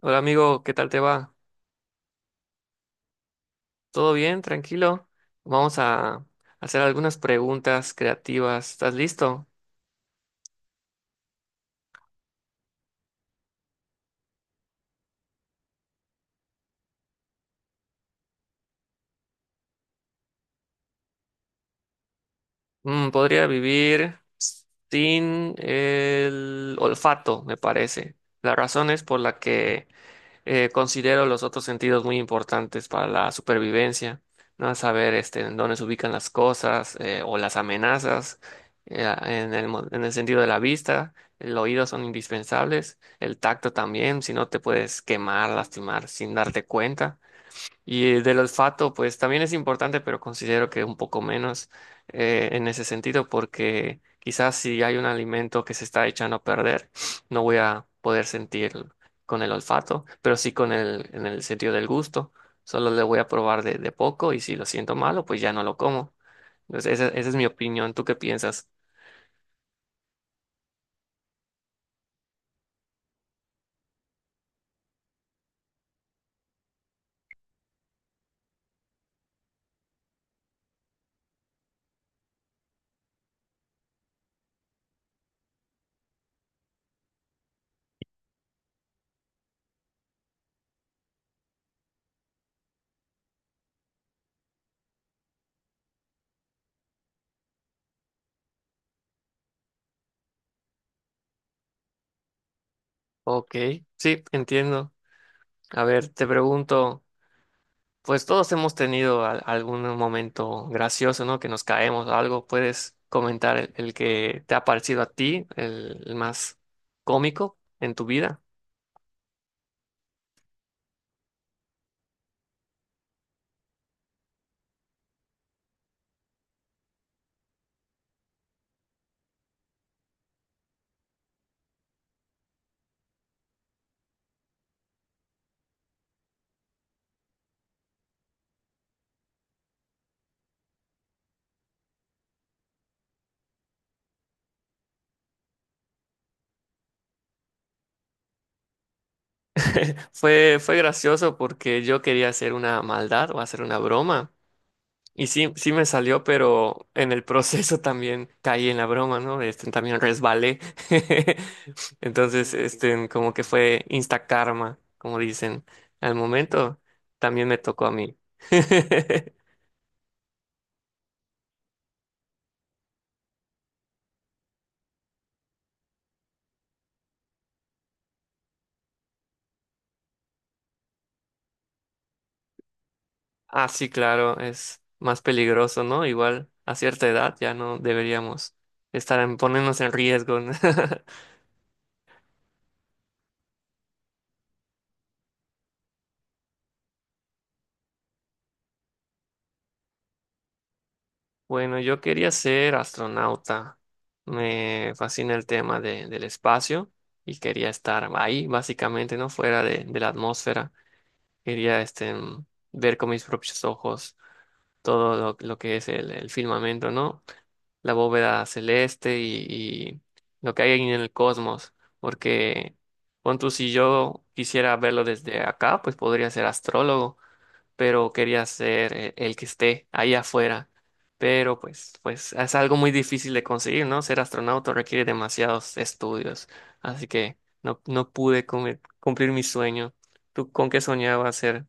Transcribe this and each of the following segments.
Hola amigo, ¿qué tal te va? ¿Todo bien? ¿Tranquilo? Vamos a hacer algunas preguntas creativas. ¿Estás listo? Podría vivir sin el olfato, me parece. La razón es por la que considero los otros sentidos muy importantes para la supervivencia, ¿no? Saber este, en dónde se ubican las cosas o las amenazas, en el sentido de la vista, el oído son indispensables, el tacto también, si no te puedes quemar, lastimar sin darte cuenta. Y del olfato, pues también es importante, pero considero que un poco menos en ese sentido, porque quizás si hay un alimento que se está echando a perder, no voy a poder sentir con el olfato, pero sí con en el sentido del gusto. Solo le voy a probar de poco y si lo siento malo, pues ya no lo como. Entonces, esa es mi opinión. ¿Tú qué piensas? Ok, sí, entiendo. A ver, te pregunto. Pues todos hemos tenido algún momento gracioso, ¿no? Que nos caemos o algo. ¿Puedes comentar el que te ha parecido a ti, el más cómico en tu vida? Fue gracioso porque yo quería hacer una maldad o hacer una broma. Y sí me salió, pero en el proceso también caí en la broma, ¿no? Este, también resbalé. Entonces, este, como que fue insta karma, como dicen. Al momento también me tocó a mí. Ah, sí, claro, es más peligroso, ¿no? Igual a cierta edad ya no deberíamos estar en ponernos en riesgo. ¿No? Bueno, yo quería ser astronauta. Me fascina el tema del espacio y quería estar ahí, básicamente, ¿no? Fuera de la atmósfera. Quería este, ver con mis propios ojos todo lo que es el firmamento, ¿no? La bóveda celeste y lo que hay ahí en el cosmos, porque pon tú, si yo quisiera verlo desde acá, pues podría ser astrólogo, pero quería ser el que esté ahí afuera. Pero pues es algo muy difícil de conseguir, ¿no? Ser astronauta requiere demasiados estudios, así que no pude cumplir mi sueño. ¿Tú con qué soñabas ser?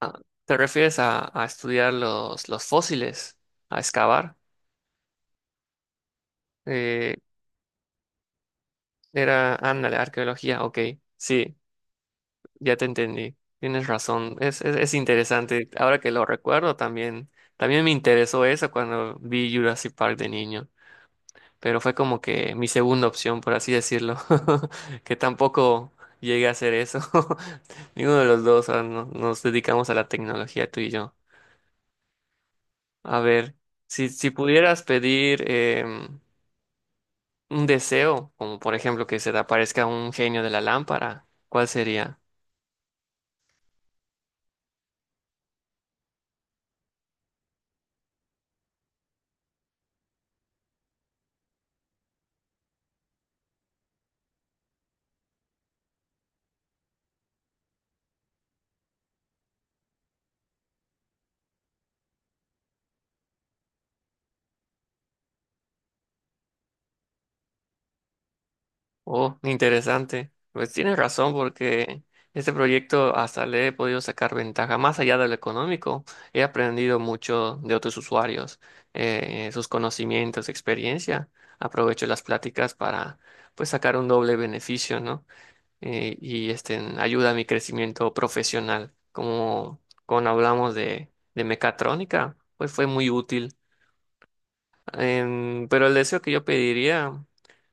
Ah, ¿te refieres a estudiar los fósiles, a excavar? Eh, Era, ándale, arqueología, ok, sí, ya te entendí, tienes razón, es interesante, ahora que lo recuerdo también, también me interesó eso cuando vi Jurassic Park de niño, pero fue como que mi segunda opción, por así decirlo, que tampoco llegué a hacer eso, ninguno de los dos ah, nos dedicamos a la tecnología, tú y yo. A ver, si pudieras pedir un deseo, como por ejemplo que se te aparezca un genio de la lámpara, ¿cuál sería? Oh, interesante. Pues tienes razón porque este proyecto hasta le he podido sacar ventaja más allá de lo económico. He aprendido mucho de otros usuarios, sus conocimientos, experiencia. Aprovecho las pláticas para pues sacar un doble beneficio, ¿no? Y este ayuda a mi crecimiento profesional. Como cuando hablamos de mecatrónica, pues fue muy útil. Em, pero el deseo que yo pediría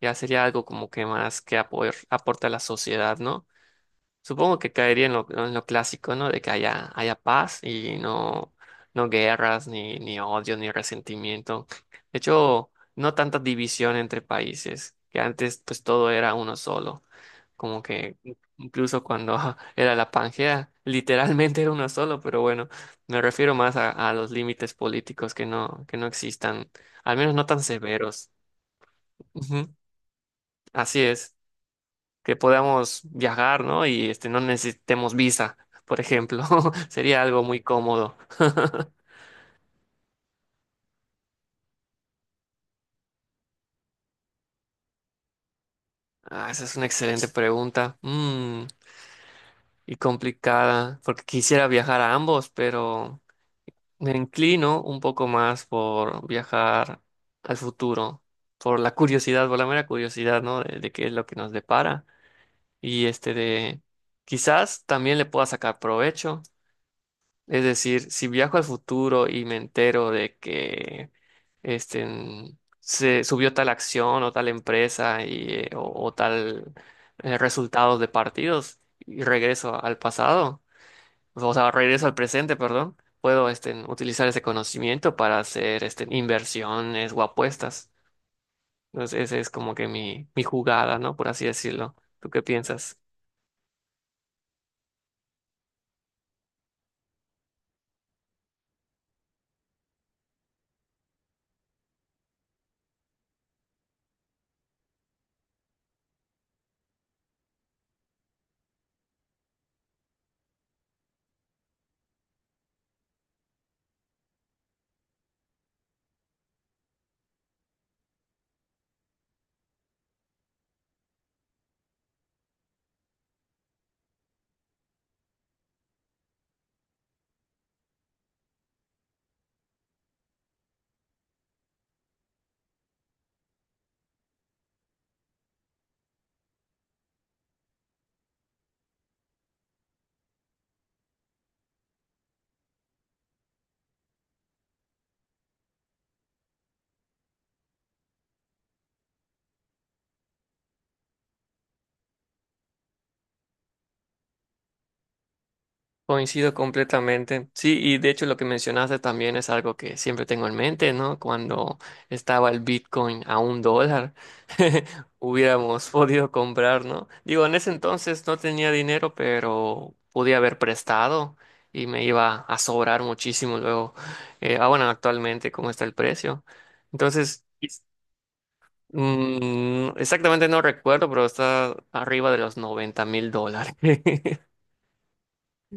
ya sería algo como que más que apoyar, aporta a la sociedad, ¿no? Supongo que caería en en lo clásico, ¿no? De que haya paz y no guerras, ni odio, ni resentimiento. De hecho, no tanta división entre países, que antes pues todo era uno solo como que incluso cuando era la Pangea, literalmente era uno solo, pero bueno, me refiero más a los límites políticos que que no existan, al menos no tan severos. Ujú, así es, que podamos viajar, ¿no? Y este, no necesitemos visa, por ejemplo, sería algo muy cómodo. Ah, esa es una excelente pregunta. Mm, y complicada, porque quisiera viajar a ambos, pero... Me inclino un poco más por viajar al futuro, por la curiosidad, por la mera curiosidad, ¿no? De qué es lo que nos depara. Y este de, quizás también le pueda sacar provecho. Es decir, si viajo al futuro y me entero de que este, mm, se subió tal acción o tal empresa y, o tal resultados de partidos y regreso al pasado pues, o sea, regreso al presente, perdón, puedo este, utilizar ese conocimiento para hacer este, inversiones o apuestas. Entonces, esa es como que mi jugada, ¿no? Por así decirlo. ¿Tú qué piensas? Coincido completamente. Sí, y de hecho lo que mencionaste también es algo que siempre tengo en mente, ¿no? Cuando estaba el Bitcoin a $1, hubiéramos podido comprar, ¿no? Digo, en ese entonces no tenía dinero, pero podía haber prestado y me iba a sobrar muchísimo luego. Ah, bueno, actualmente, ¿cómo está el precio? Entonces, es- mm, exactamente no recuerdo, pero está arriba de los $90,000.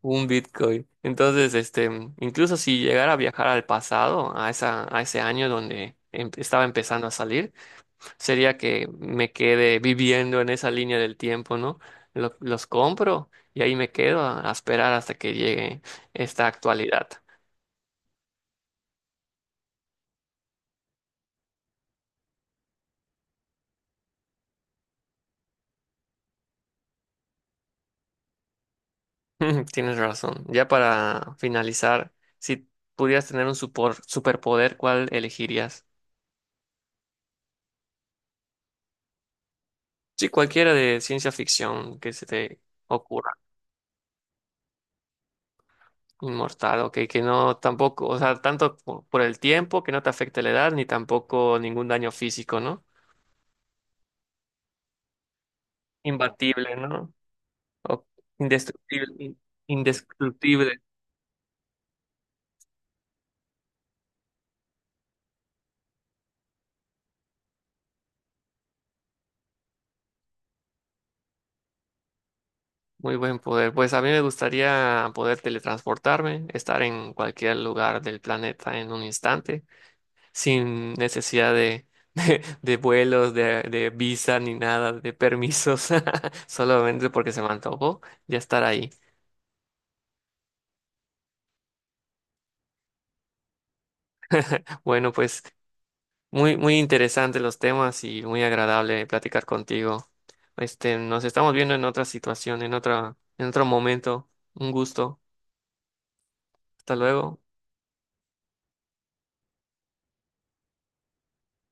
Un Bitcoin. Entonces, este, incluso si llegara a viajar al pasado, a esa, a ese año donde estaba empezando a salir, sería que me quede viviendo en esa línea del tiempo, ¿no? Los compro y ahí me quedo a esperar hasta que llegue esta actualidad. Tienes razón. Ya para finalizar, si pudieras tener un superpoder, ¿cuál elegirías? Sí, cualquiera de ciencia ficción que se te ocurra. Inmortal, ok, que no tampoco, o sea, tanto por el tiempo, que no te afecte la edad, ni tampoco ningún daño físico, ¿no? Imbatible, ¿no? O indestructible, indestructible, muy buen poder. Pues a mí me gustaría poder teletransportarme, estar en cualquier lugar del planeta en un instante, sin necesidad de, de vuelos, de visa, ni nada, de permisos, solamente porque se me antojó ya estar ahí. Bueno, pues... muy interesantes los temas y muy agradable platicar contigo. Este, nos estamos viendo en otra situación, en otro momento. Un gusto. Hasta luego.